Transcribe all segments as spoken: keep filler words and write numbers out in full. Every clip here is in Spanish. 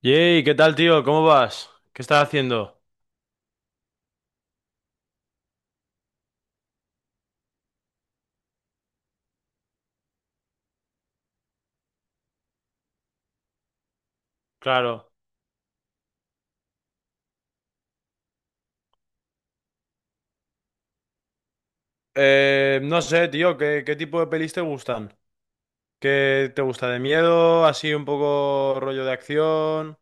Yey, ¿qué tal, tío? ¿Cómo vas? ¿Qué estás haciendo? Claro. Eh, no sé, tío, ¿qué, qué tipo de pelis te gustan? ¿Qué te gusta de miedo? Así un poco rollo de acción.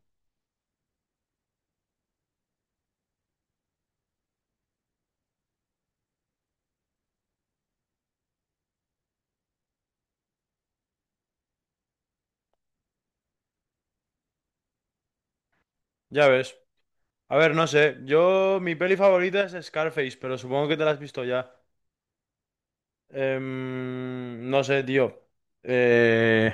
Ya ves. A ver, no sé. Yo, mi peli favorita es Scarface, pero supongo que te la has visto ya. Em, no sé, tío. Eh,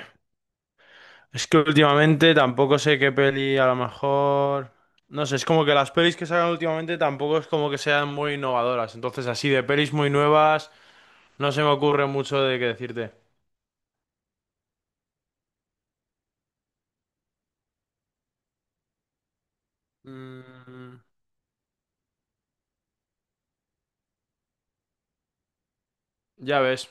es que últimamente tampoco sé qué peli, a lo mejor. No sé, es como que las pelis que sacan últimamente tampoco es como que sean muy innovadoras. Entonces, así de pelis muy nuevas. No se me ocurre mucho de qué decirte. Mm, ya ves,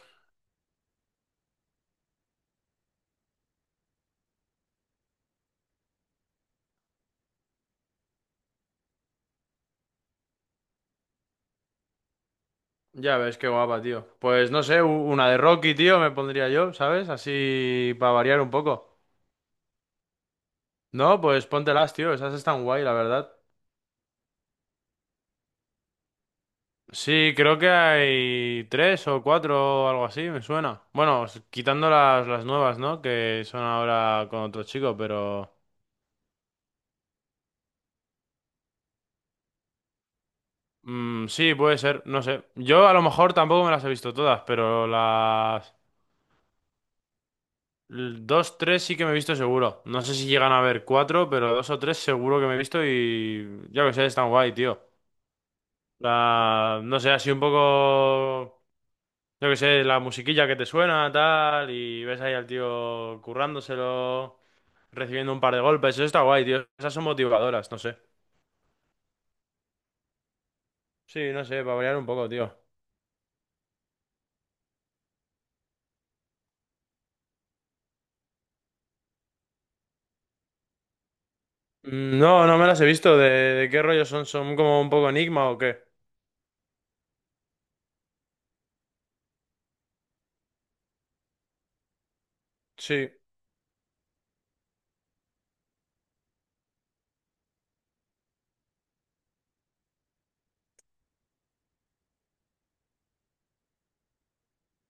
ya ves, qué guapa, tío. Pues no sé, u- una de Rocky, tío, me pondría yo, ¿sabes? Así para variar un poco. No, pues póntelas, tío, esas están guay, la verdad. Sí, creo que hay tres o cuatro o algo así, me suena. Bueno, s- quitando las, las nuevas, ¿no? Que son ahora con otro chico, pero... Mm, sí, puede ser, no sé. Yo a lo mejor tampoco me las he visto todas, pero las... Dos, tres sí que me he visto seguro. No sé si llegan a haber cuatro, pero dos o tres seguro que me he visto y yo que sé, están guay, tío. La... No sé, así un poco, yo que sé, la musiquilla que te suena, tal, y ves ahí al tío currándoselo, recibiendo un par de golpes, eso está guay, tío. Esas son motivadoras, no sé. Sí, no sé, para variar un poco, tío. Mm, no, no me las he visto. ¿De, de qué rollo son? ¿Son como un poco enigma o qué? Sí,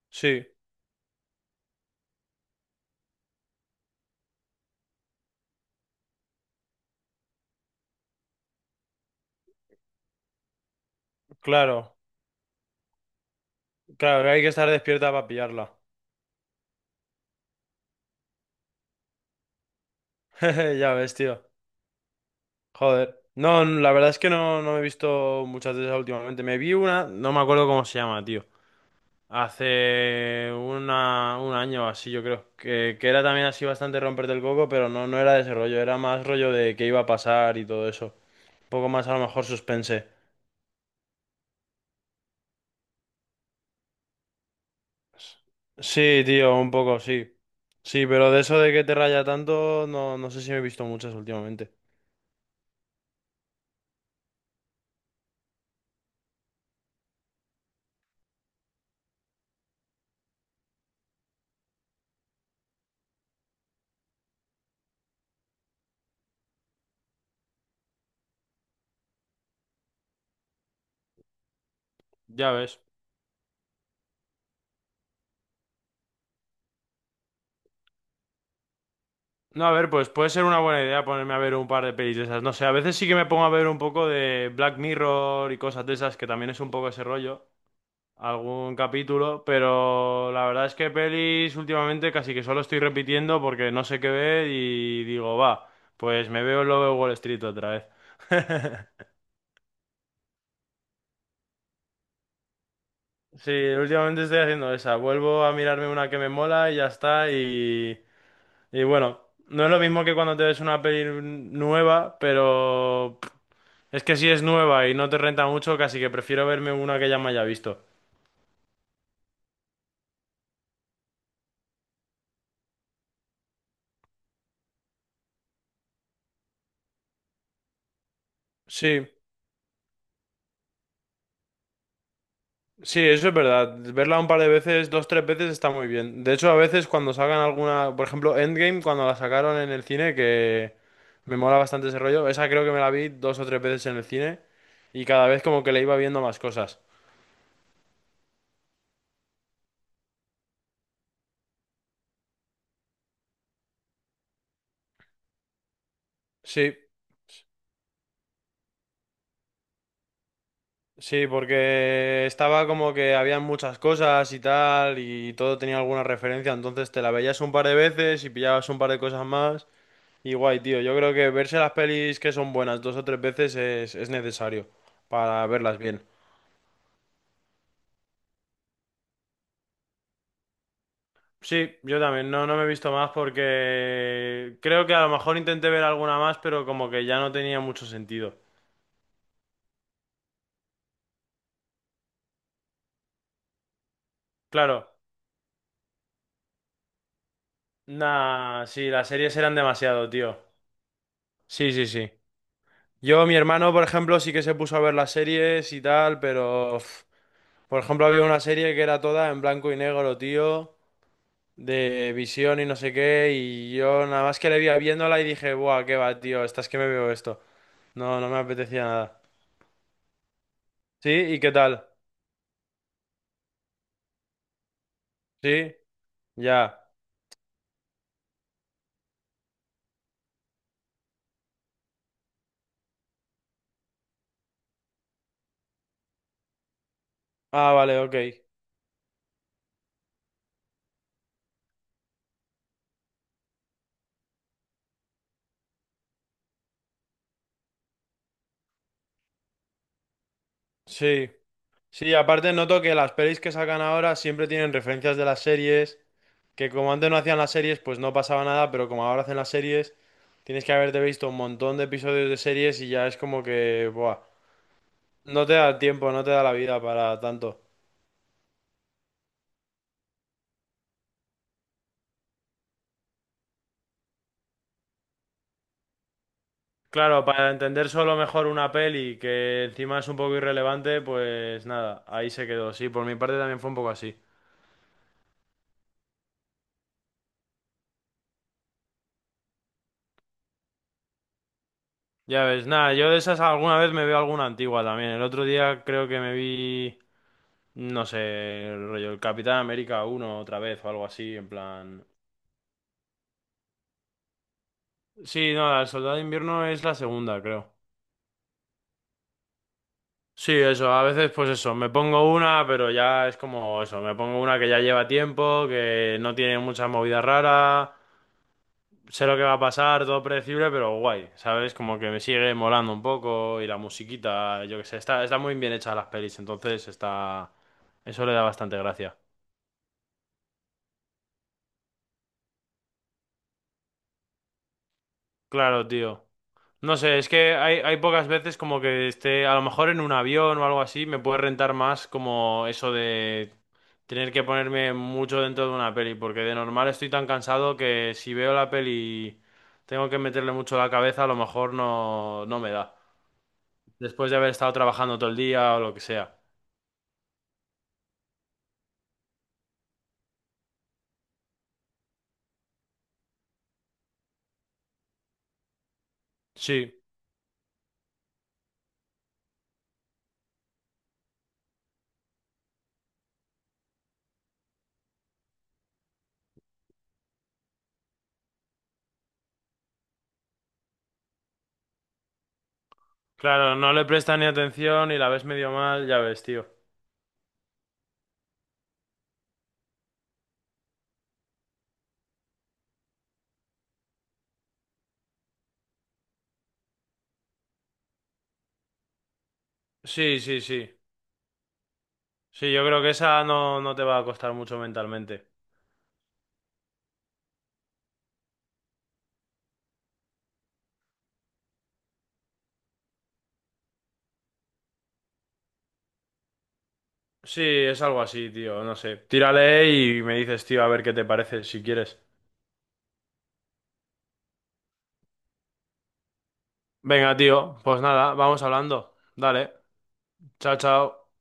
sí, claro. Claro, que hay que estar despierta para pillarla. Ya ves, tío. Joder. No, n- la verdad es que no, no me he visto muchas de esas últimamente. Me vi una, no me acuerdo cómo se llama, tío. Hace una, un año o así, yo creo. Que, que era también así bastante romperte el coco, pero no, no era de ese rollo. Era más rollo de qué iba a pasar y todo eso. Un poco más a lo mejor suspense. Sí, tío, un poco, sí. Sí, pero de eso de que te raya tanto, no, no sé si me he visto muchas últimamente. Ya ves. No, a ver, pues puede ser una buena idea ponerme a ver un par de pelis de esas. No sé, a veces sí que me pongo a ver un poco de Black Mirror y cosas de esas, que también es un poco ese rollo, algún capítulo, pero la verdad es que pelis últimamente casi que solo estoy repitiendo porque no sé qué ver y digo, va, pues me veo el Lobo de Wall Street otra vez. Sí, últimamente estoy haciendo esa. Vuelvo a mirarme una que me mola y ya está. Y, y bueno, no es lo mismo que cuando te ves una peli nueva, pero, es que si es nueva y no te renta mucho, casi que prefiero verme una que ya me haya visto. Sí, sí, eso es verdad. Verla un par de veces, dos, tres veces está muy bien. De hecho, a veces cuando salgan alguna, por ejemplo, Endgame, cuando la sacaron en el cine, que me mola bastante ese rollo, esa creo que me la vi dos o tres veces en el cine y cada vez como que le iba viendo más cosas. Sí, sí, porque estaba como que había muchas cosas y tal y todo tenía alguna referencia, entonces te la veías un par de veces y pillabas un par de cosas más. Y guay, tío. Yo creo que verse las pelis que son buenas dos o tres veces es, es necesario para verlas bien. Sí, yo también. No, no me he visto más porque creo que a lo mejor intenté ver alguna más, pero como que ya no tenía mucho sentido. Claro. Nah, sí, las series eran demasiado, tío. Sí, sí, sí. Yo, mi hermano, por ejemplo, sí que se puso a ver las series y tal, pero... Uf, por ejemplo, había una serie que era toda en blanco y negro, tío, de visión y no sé qué, y yo nada más que le vi viéndola y dije, buah, qué va, tío, estás que me veo esto. No, no me apetecía nada. ¿Sí? ¿Y qué tal? ¿Sí? Ya. Ah, vale, ok. Sí. Sí, aparte noto que las pelis que sacan ahora siempre tienen referencias de las series, que como antes no hacían las series, pues no pasaba nada, pero como ahora hacen las series, tienes que haberte visto un montón de episodios de series y ya es como que, buah, no te da tiempo, no te da la vida para tanto. Claro, para entender solo mejor una peli que encima es un poco irrelevante, pues nada, ahí se quedó. Sí, por mi parte también fue un poco así. Ya ves, nada, yo de esas alguna vez me veo alguna antigua también. El otro día creo que me vi, no sé, el rollo, el Capitán América uno otra vez o algo así, en plan... Sí, no, el Soldado de Invierno es la segunda, creo. Sí, eso, a veces pues eso, me pongo una, pero ya es como eso, me pongo una que ya lleva tiempo, que no tiene mucha movida rara. Sé lo que va a pasar, todo predecible, pero guay, ¿sabes? Como que me sigue molando un poco y la musiquita, yo qué sé, está, está muy bien hecha las pelis, entonces está... Eso le da bastante gracia. Claro, tío. No sé, es que hay, hay pocas veces como que esté, a lo mejor en un avión o algo así, me puede rentar más como eso de tener que ponerme mucho dentro de una peli, porque de normal estoy tan cansado que si veo la peli y tengo que meterle mucho la cabeza, a lo mejor no, no me da. Después de haber estado trabajando todo el día o lo que sea. Sí, claro, no le prestas ni atención y la ves medio mal, ya ves, tío. Sí, sí, sí. Sí, yo creo que esa no, no te va a costar mucho mentalmente. Sí, es algo así, tío, no sé. Tírale y me dices, tío, a ver qué te parece, si quieres. Venga, tío, pues nada, vamos hablando. Dale, chao, chao.